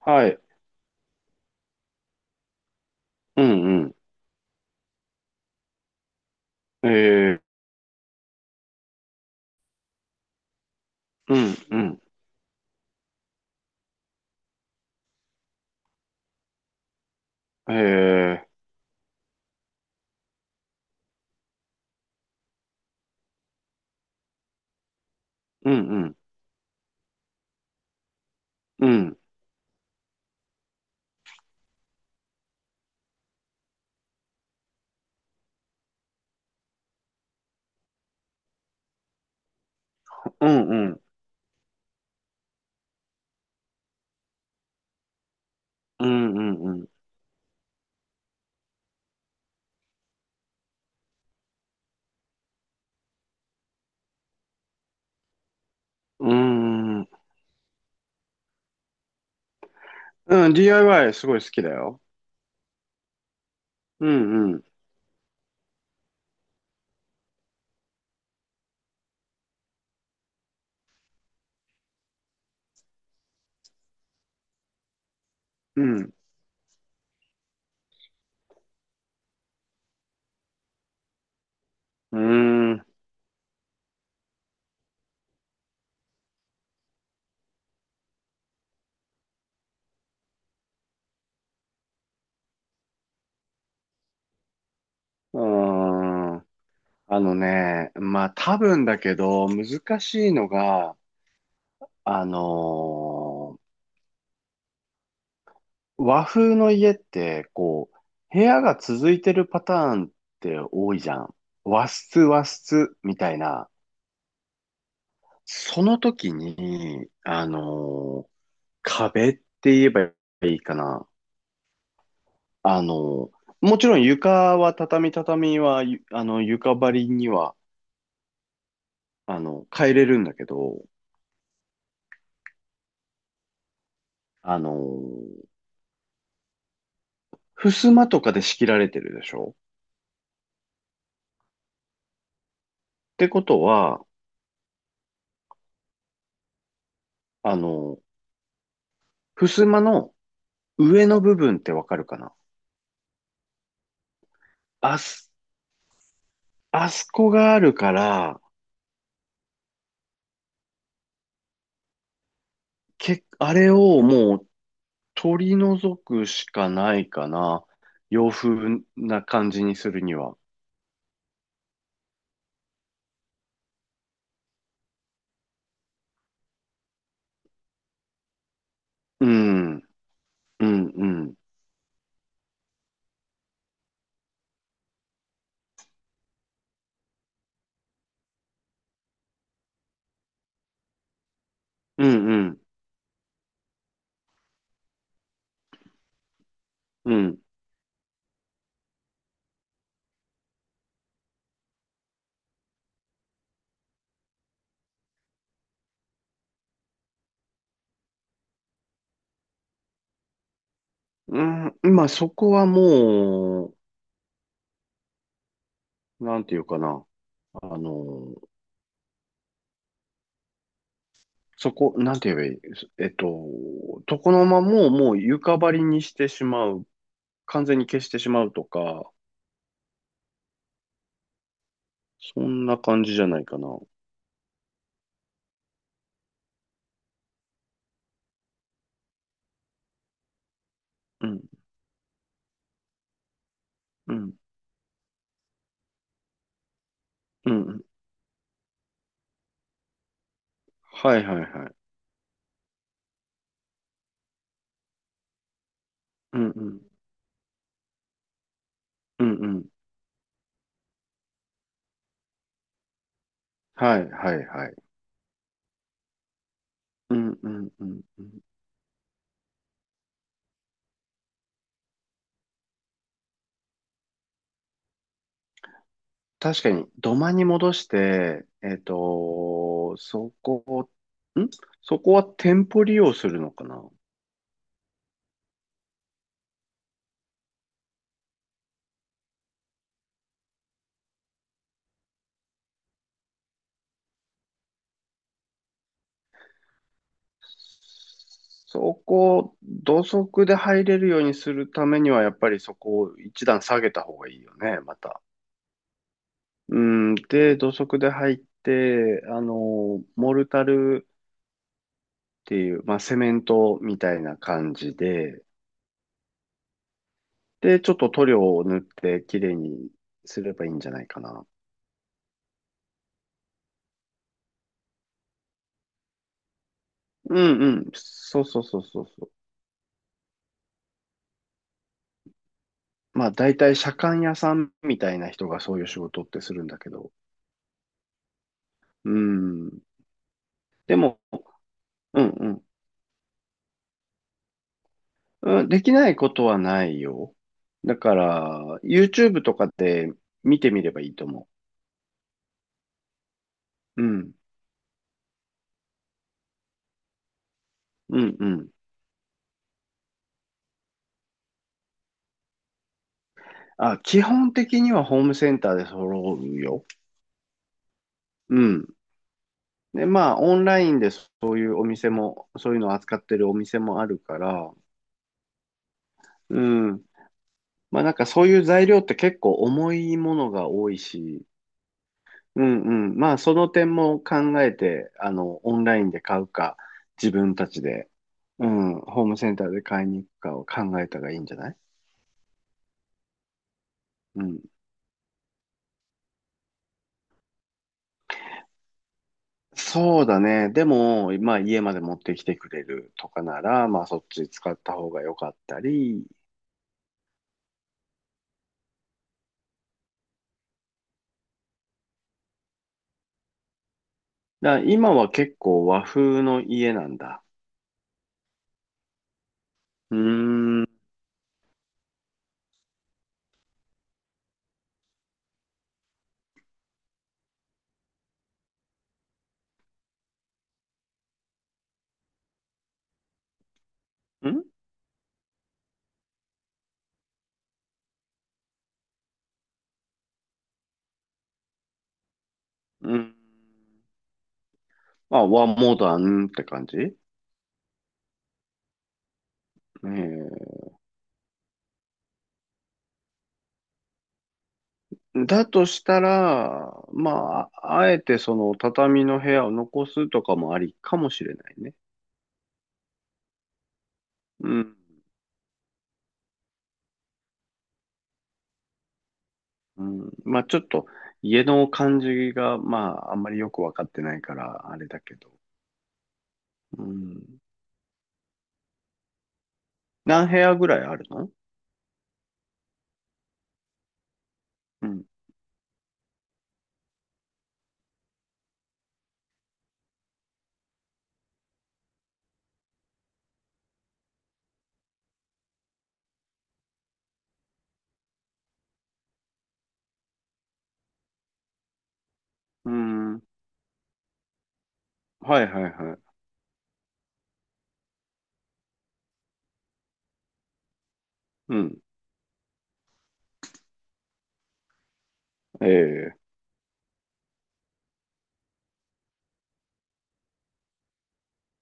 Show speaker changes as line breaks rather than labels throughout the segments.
はい。うんうん。うんうん。えー、うんうん。うん。うんうん。うんうんうん。うん。うん、DIY すごい好きだよ。うんうん。うん。うーん。うーん。まあ多分だけど、難しいのが、あのー和風の家って、こう、部屋が続いてるパターンって多いじゃん。和室、和室、みたいな。その時に、壁って言えばいいかな。あのーもちろん床は畳は、ゆあの、床張りには、あの、変えれるんだけど、あのー襖とかで仕切られてるでしょ。ってことは、あのー襖の上の部分ってわかるかな。あす、あそこがあるから、あれをもう取り除くしかないかな。洋風な感じにするには。うん、うん、うん、うん、うん、うん。うん、まあそこはもう、なんていうかな。あの、そこ、なんて言えばいい、えっと、床の間ももう床張りにしてしまう。完全に消してしまうとか、そんな感じじゃないかな。うん、うん、うん、うん。はいはいはい。うん、うん、うん、うん。はいはいはい。うん、うん、うん。うん、確かに、土間に戻して、えっと、そこ、ん、そこは店舗利用するのかな。そこを土足で入れるようにするためには、やっぱりそこを一段下げた方がいいよね、また。うん、で、土足で入って、あの、モルタルっていう、まあ、セメントみたいな感じで、で、ちょっと塗料を塗ってきれいにすればいいんじゃないかな。うんうん、そうそうそうそう。まあ大体車官屋さんみたいな人がそういう仕事ってするんだけど。うん。でも、うんうん。うん、できないことはないよ。だから、YouTube とかで見てみればいいと思う。うん。うんうん。あ、基本的にはホームセンターで揃うよ。うん。で、まあ、オンラインでそういうお店も、そういうのを扱ってるお店もあるから、うん。まあ、なんかそういう材料って結構重いものが多いし、うんうん。まあ、その点も考えて、あの、オンラインで買うか、自分たちで、うん、ホームセンターで買いに行くかを考えたらいいんじゃない。うん。そうだね。でも、まあ、家まで持ってきてくれるとかなら、まあ、そっち使った方が良かったり。だから今は結構和風の家なんだ。うーん。ん。うん。まあ、和モダンって感じね。え、だとしたら、まあ、あえてその畳の部屋を残すとかもありかもしれないね。うん。うん、まあ、ちょっと家の感じが、まあ、あんまりよくわかってないから、あれだけど。うん。何部屋ぐらいあるの。うん。うん。はいはいはい。うん。ええ。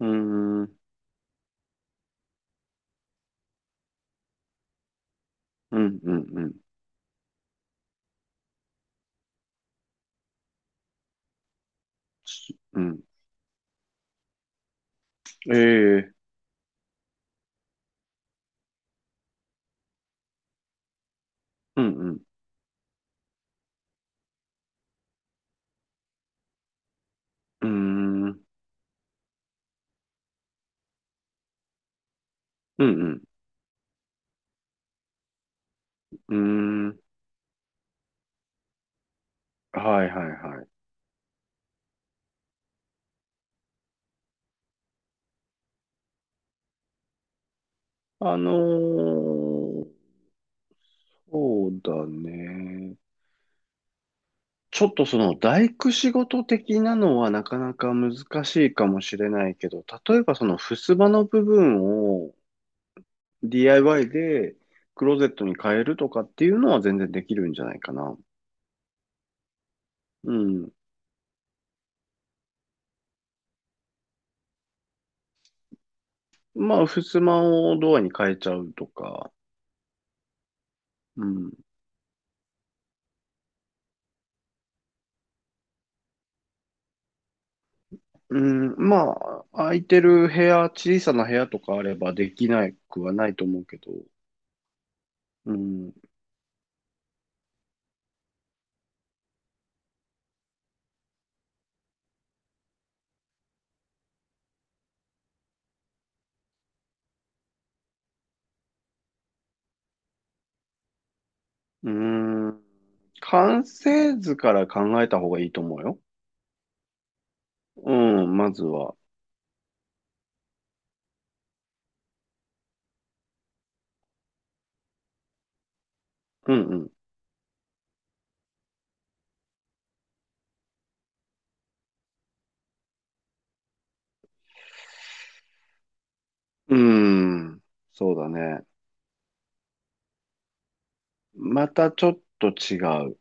うん。うんうんうん。うん。ええ。うんうん。うん。うんうん。うん。はいはいはい。あのーそうだね。ちょっとその大工仕事的なのはなかなか難しいかもしれないけど、例えばその襖の部分を DIY でクローゼットに変えるとかっていうのは全然できるんじゃないかな。うん。まあ、襖をドアに変えちゃうとか。うん。うん、まあ、空いてる部屋、小さな部屋とかあればできなくはないと思うけど。うん。うーん。完成図から考えた方がいいと思うよ。うん、まずは。うんうん。うーん。そうだね。またちょっと違う。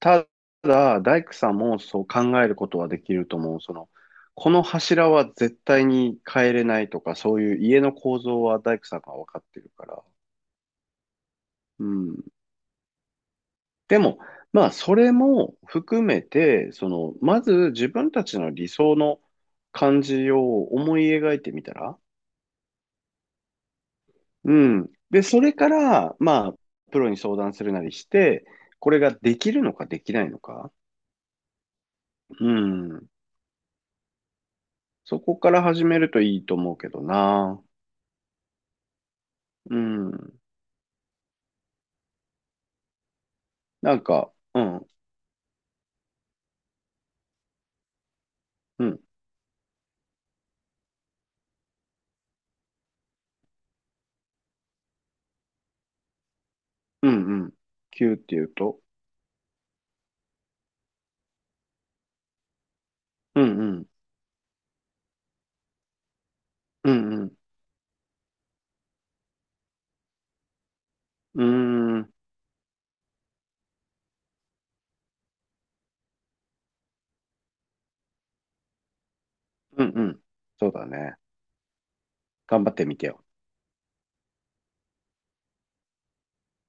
ただ、大工さんもそう考えることはできると思う。その、この柱は絶対に変えれないとか、そういう家の構造は大工さんが分かってるから。うん。でも、まあ、それも含めて、その、まず自分たちの理想の感じを思い描いてみたら。うん。で、それから、まあ、プロに相談するなりして、これができるのかできないのか。うん。そこから始めるといいと思うけどな。うん。なんか、うん、うん、うん、うん。急って言うと、うん、うん、うん、うん、うーん、うん、うん。そうだね。頑張ってみてよ。